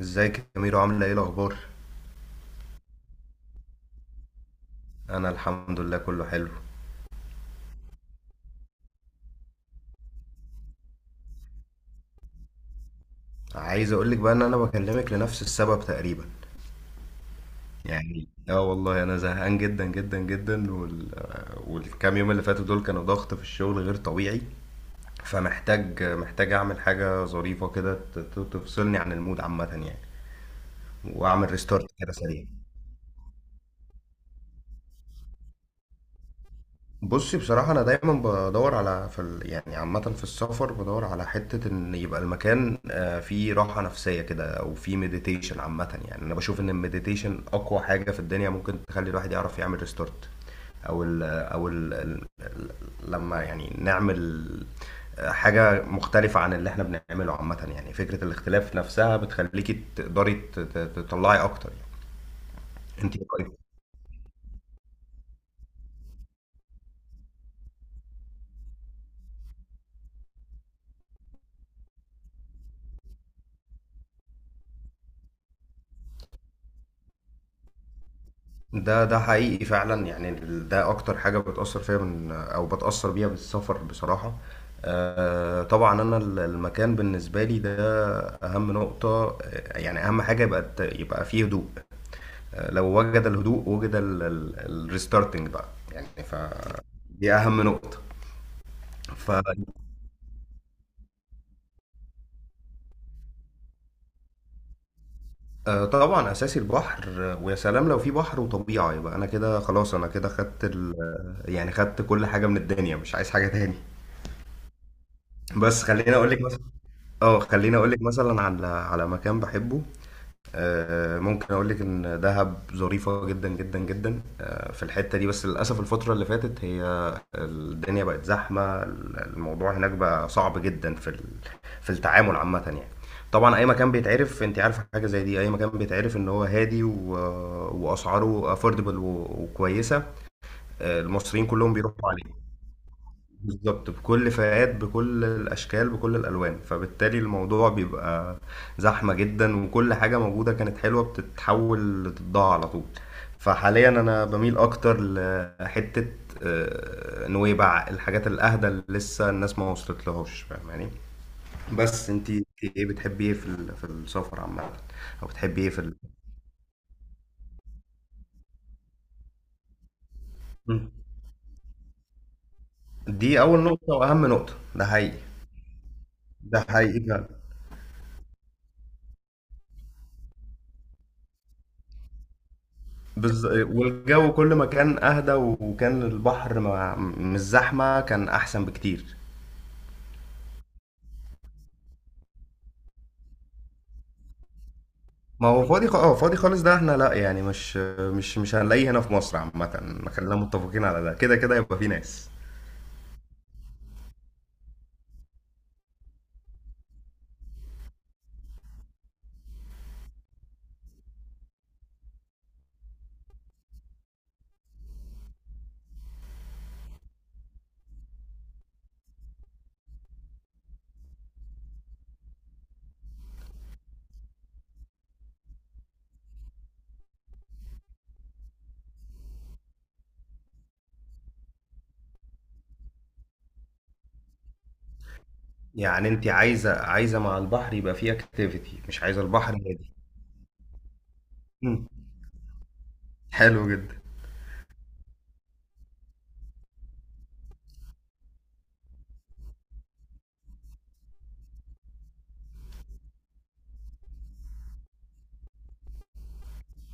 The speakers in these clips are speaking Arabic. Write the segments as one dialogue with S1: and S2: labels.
S1: ازيك يا ميرو؟ عامله ايه؟ إيه الاخبار؟ انا الحمد لله، كله حلو. عايز اقولك بقى ان انا بكلمك لنفس السبب تقريبا. يعني اه والله انا زهقان جدا جدا جدا والكام يوم اللي فاتوا دول كانوا ضغط في الشغل غير طبيعي. فمحتاج اعمل حاجه ظريفه كده تفصلني عن المود عامه يعني، واعمل ريستارت كده سريع. بصي، بصراحة أنا دايما بدور على يعني عامة في السفر بدور على حتة إن يبقى المكان فيه راحة نفسية كده، أو فيه مديتيشن. عامة يعني أنا بشوف إن المديتيشن أقوى حاجة في الدنيا ممكن تخلي الواحد يعرف يعمل ريستارت. أو ال... أو ال... ال... ال- لما يعني نعمل حاجة مختلفة عن اللي إحنا بنعمله عامة. يعني فكرة الاختلاف نفسها بتخليكي تقدري تطلعي أكتر يعني. أنت. ده ده حقيقي فعلا يعني ده اكتر حاجه بتاثر فيا من او بتاثر بيها بالسفر بصراحه. طبعا انا المكان بالنسبه لي ده اهم نقطه. يعني اهم حاجه يبقى يبقى فيه هدوء. لو وجد الهدوء وجد الريستارتنج بقى، يعني فدي اهم نقطه. ف طبعا اساسي البحر. ويا سلام لو في بحر وطبيعه يبقى انا كده خلاص، انا كده يعني خدت كل حاجه من الدنيا، مش عايز حاجه تاني. بس خليني اقول لك، اه خليني اقول لك مثلا على مكان بحبه. ممكن اقول لك ان دهب ظريفه جدا جدا جدا. في الحته دي، بس للاسف الفتره اللي فاتت هي الدنيا بقت زحمه، الموضوع هناك بقى صعب جدا في التعامل عامه يعني. طبعا اي مكان بيتعرف، انت عارفه حاجه زي دي، اي مكان بيتعرف ان هو هادي واسعاره افوردبل وكويسه، المصريين كلهم بيروحوا عليه. بالظبط، بكل فئات، بكل الأشكال، بكل الألوان. فبالتالي الموضوع بيبقى زحمة جدا، وكل حاجة موجودة كانت حلوة بتتحول لتضاع على طول. فحاليا أنا بميل أكتر لحتة نويبع، الحاجات الأهدى اللي لسه الناس ما وصلت لهاش، فاهماني. بس انتي ايه بتحبي ايه في السفر عامة، أو بتحبي ايه مم. دي أول نقطة وأهم نقطة، ده حقيقي، ده حقيقي. والجو كل ما كان اهدى وكان البحر ما... مش زحمه كان احسن بكتير. ما هو اه فاضي خالص ده احنا لا، يعني مش هنلاقيه هنا في مصر عامه، خلينا متفقين على ده. كده كده يبقى في ناس. يعني انت عايزه، مع البحر يبقى فيه اكتيفيتي، مش عايزه البحر هادي. مم. حلو جدا.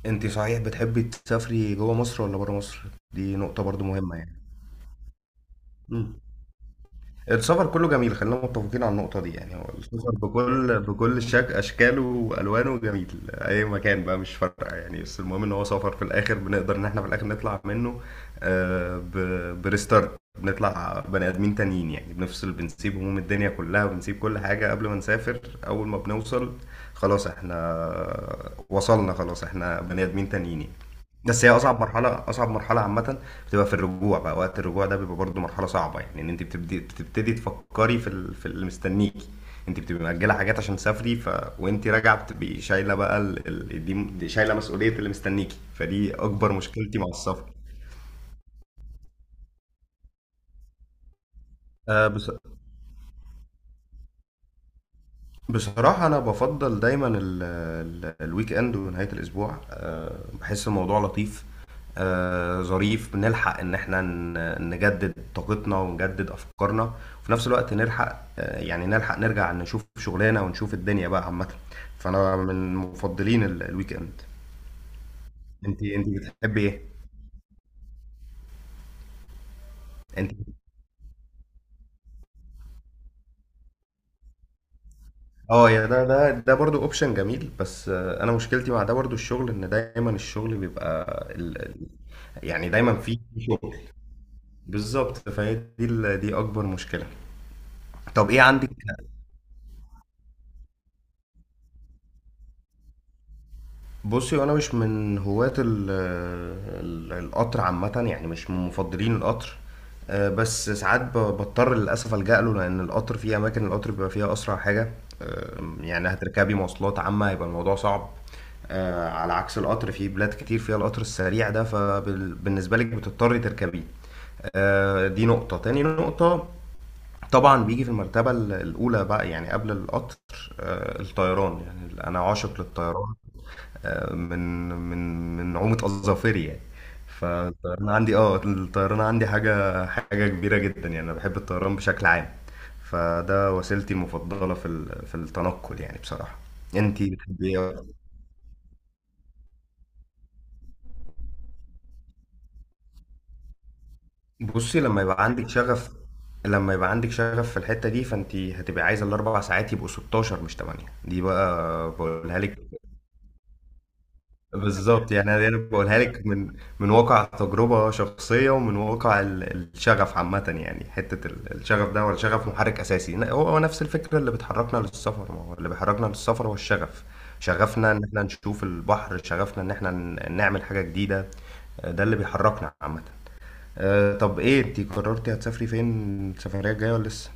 S1: انت صحيح بتحبي تسافري جوه مصر ولا بره مصر؟ دي نقطه برضو مهمه يعني. مم. السفر كله جميل، خلينا متفقين على النقطة دي. يعني هو السفر بكل بكل شك أشكاله وألوانه جميل، أي مكان بقى مش فارقة يعني. بس المهم إن هو سفر في الآخر، بنقدر إن إحنا في الآخر نطلع منه بريستارت. بنطلع بني آدمين تانيين، يعني بنفصل، بنسيب هموم الدنيا كلها، وبنسيب كل حاجة قبل ما نسافر. أول ما بنوصل خلاص إحنا وصلنا، خلاص إحنا بني آدمين تانيين. بس هي اصعب مرحله، عامه بتبقى في الرجوع بقى. وقت الرجوع ده بيبقى برضه مرحله صعبه. يعني ان انت بتبتدي تفكري في اللي مستنيكي، انت بتبقي مأجله حاجات عشان تسافري، وانت راجعه بتبقي شايله بقى ال... ال... دي دي شايله مسؤوليه اللي مستنيكي، فدي اكبر مشكلتي مع السفر. أه بس بصراحة أنا بفضل دايما ال ال الويك إند ونهاية الأسبوع. بحس الموضوع لطيف، ظريف، بنلحق إن إحنا نجدد طاقتنا ونجدد أفكارنا، وفي نفس الوقت نلحق يعني نلحق نرجع نشوف شغلنا ونشوف الدنيا بقى عامة. فأنا من مفضلين الويك إند. أنت بتحبي إيه؟ أنت أه يا ده برضه أوبشن جميل، بس أنا مشكلتي مع ده برضه الشغل، إن دايما الشغل بيبقى ال- ال- يعني دايما في. بالظبط، فهي دي دي اكبر مشكله. طب ايه عندك. بصي انا مش من هواة القطر عامه، يعني مش من مفضلين القطر. بس ساعات بضطر للاسف الجا له، لان القطر في اماكن القطر بيبقى فيها اسرع حاجه. يعني هتركبي مواصلات عامه هيبقى الموضوع صعب، على عكس القطر في بلاد كتير فيها القطر السريع ده، فبالنسبه لك بتضطري تركبيه. دي نقطة، تاني نقطة طبعا بيجي في المرتبة الأولى بقى، يعني قبل القطر، الطيران. يعني أنا عاشق للطيران، من نعومة أظافري يعني. فالطيران عندي، اه الطيران عندي حاجة، حاجة كبيرة جدا، يعني أنا بحب الطيران بشكل عام. فده وسيلتي المفضلة في التنقل يعني، بصراحة. انتي بتحبي ايه أكتر؟ بصي لما يبقى عندك شغف، لما يبقى عندك شغف في الحتة دي، فانت هتبقى عايزة الاربع ساعات يبقوا 16 مش 8، دي بقى بقولها لك. بالظبط، يعني انا بقولها لك من من واقع تجربه شخصيه، ومن واقع الشغف عامه يعني. حته الشغف ده ولا شغف محرك اساسي، هو نفس الفكره اللي بتحركنا للسفر. ما هو اللي بيحركنا للسفر هو الشغف، شغفنا ان احنا نشوف البحر، شغفنا ان احنا نعمل حاجه جديده. ده اللي بيحركنا عامه. طب ايه، انت قررتي هتسافري فين السفريه الجايه ولا لسه؟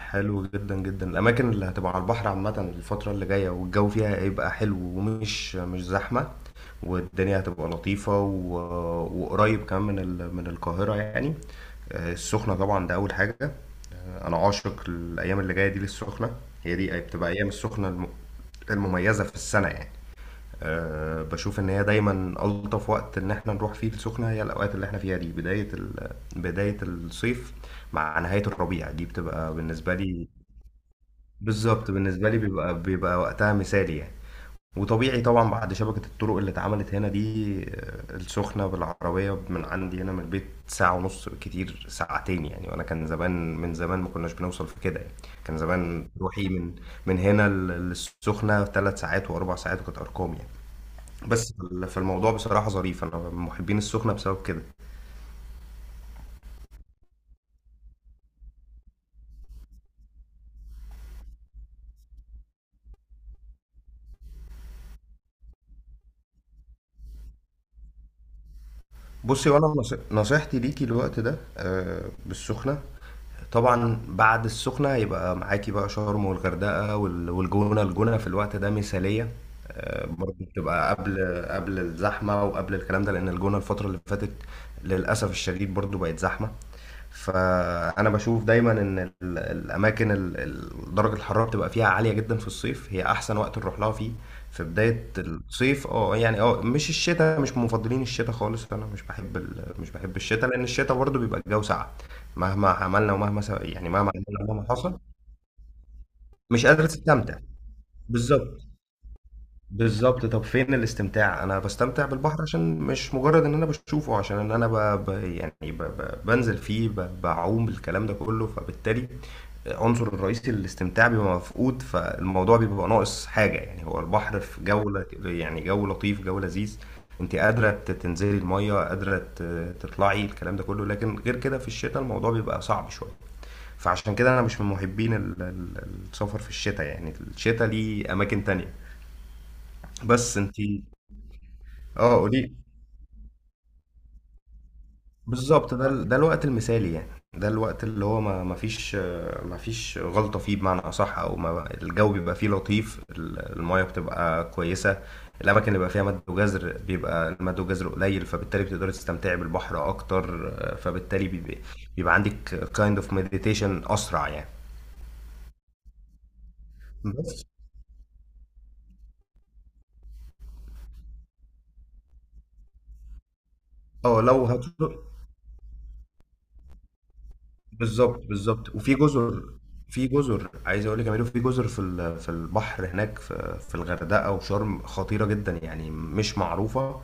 S1: حلو جدا جدا، الاماكن اللي هتبقى على البحر عامه الفتره اللي جايه والجو فيها هيبقى حلو، ومش مش زحمه، والدنيا هتبقى لطيفه وقريب كمان من من القاهره يعني. السخنه طبعا ده اول حاجه. انا عاشق الايام اللي جايه دي للسخنه، هي دي بتبقى ايام السخنه المميزه في السنه يعني. أه بشوف ان هي دايما الطف وقت ان احنا نروح فيه السخنه هي الاوقات اللي احنا فيها دي، بدايه بدايه الصيف مع نهايه الربيع، دي بتبقى بالنسبه لي. بالظبط، بالنسبه لي بيبقى وقتها مثالي يعني. وطبيعي طبعا بعد شبكه الطرق اللي اتعملت هنا دي، السخنه بالعربيه من عندي هنا من البيت ساعه ونص، بالكتير ساعتين يعني. وانا كان زمان، من زمان ما كناش بنوصل في كده يعني. كان زمان روحي من من هنا للسخنه ثلاث ساعات واربع ساعات، وكانت ارقام يعني. بس فالموضوع بصراحة ظريف، أنا من محبين السخنة بسبب كده. بصي وأنا نصيحتي ليكي الوقت ده بالسخنة. طبعا بعد السخنة يبقى معاكي بقى شرم والغردقة والجونة، الجونة في الوقت ده مثالية، برضه بتبقى قبل، قبل الزحمة وقبل الكلام ده، لأن الجونة الفترة اللي فاتت للأسف الشديد برضه بقت زحمة. فانا بشوف دايما ان الاماكن درجه الحراره بتبقى فيها عاليه جدا في الصيف، هي احسن وقت نروح لها فيه في بدايه الصيف. اه يعني، اه مش الشتاء، مش من مفضلين الشتاء خالص. انا مش بحب مش بحب الشتاء، لان الشتاء برضه بيبقى الجو ساقع، مهما عملنا يعني مهما عملنا ومهما حصل مش قادر تستمتع. بالظبط، بالظبط، طب فين الاستمتاع؟ انا بستمتع بالبحر عشان مش مجرد ان انا بشوفه، عشان ان انا يعني بنزل فيه، بعوم، الكلام ده كله. فبالتالي عنصر الرئيسي للاستمتاع بيبقى مفقود، فالموضوع بيبقى ناقص حاجة يعني، هو البحر في جولة يعني، جو لطيف، جو لذيذ، انت قادرة تنزلي المية، قادرة تطلعي الكلام ده كله. لكن غير كده في الشتاء الموضوع بيبقى صعب شوية. فعشان كده انا مش من محبين السفر في الشتاء. يعني الشتاء ليه اماكن تانية. بس انت اه قولي. بالظبط ده ده الوقت المثالي يعني، ده الوقت اللي هو ما فيش ما فيش غلطة فيه، بمعنى أصح، أو ما الجو بيبقى فيه لطيف، المية بتبقى كويسة، الأماكن اللي بيبقى فيها مد وجزر بيبقى المد وجزر قليل، فبالتالي بتقدري تستمتعي بالبحر أكتر. فبالتالي بيبقى عندك kind of meditation أسرع يعني. بس اه لو هتروح، بالظبط بالظبط، وفي جزر، في جزر عايز اقول لك يا ميدو، في جزر في البحر هناك في في الغردقه وشرم خطيره جدا، يعني مش معروفه،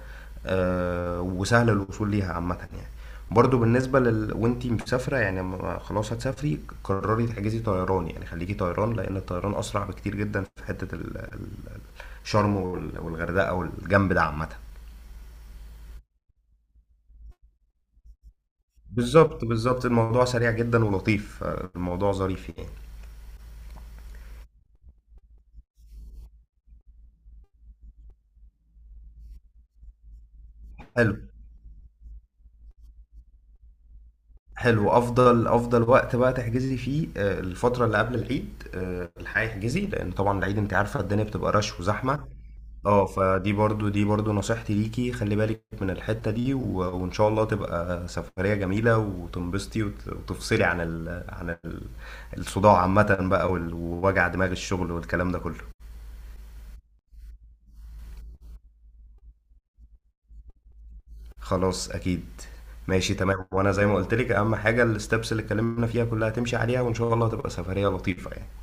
S1: وسهل الوصول ليها عامه يعني. برضو بالنسبه لل وانتي مسافره يعني خلاص هتسافري قرري تحجزي طيران، يعني خليكي طيران، لان الطيران اسرع بكتير جدا في حته شرم والغردقه والجنب ده عامه. بالظبط بالظبط، الموضوع سريع جدا ولطيف، الموضوع ظريف يعني. حلو، حلو، افضل، افضل وقت بقى تحجزي فيه الفتره اللي قبل العيد، الحقيقه احجزي، لان طبعا العيد انت عارفه الدنيا بتبقى رش وزحمه. اه فدي برضو، دي برضو نصيحتي ليكي، خلي بالك من الحته دي وان شاء الله تبقى سفريه جميله وتنبسطي وتفصلي عن الصداع عامه بقى ووجع دماغ الشغل والكلام ده كله. خلاص اكيد، ماشي تمام. وانا زي ما قلت لك اهم حاجه الستبس اللي اتكلمنا فيها كلها تمشي عليها، وان شاء الله تبقى سفريه لطيفه يعني.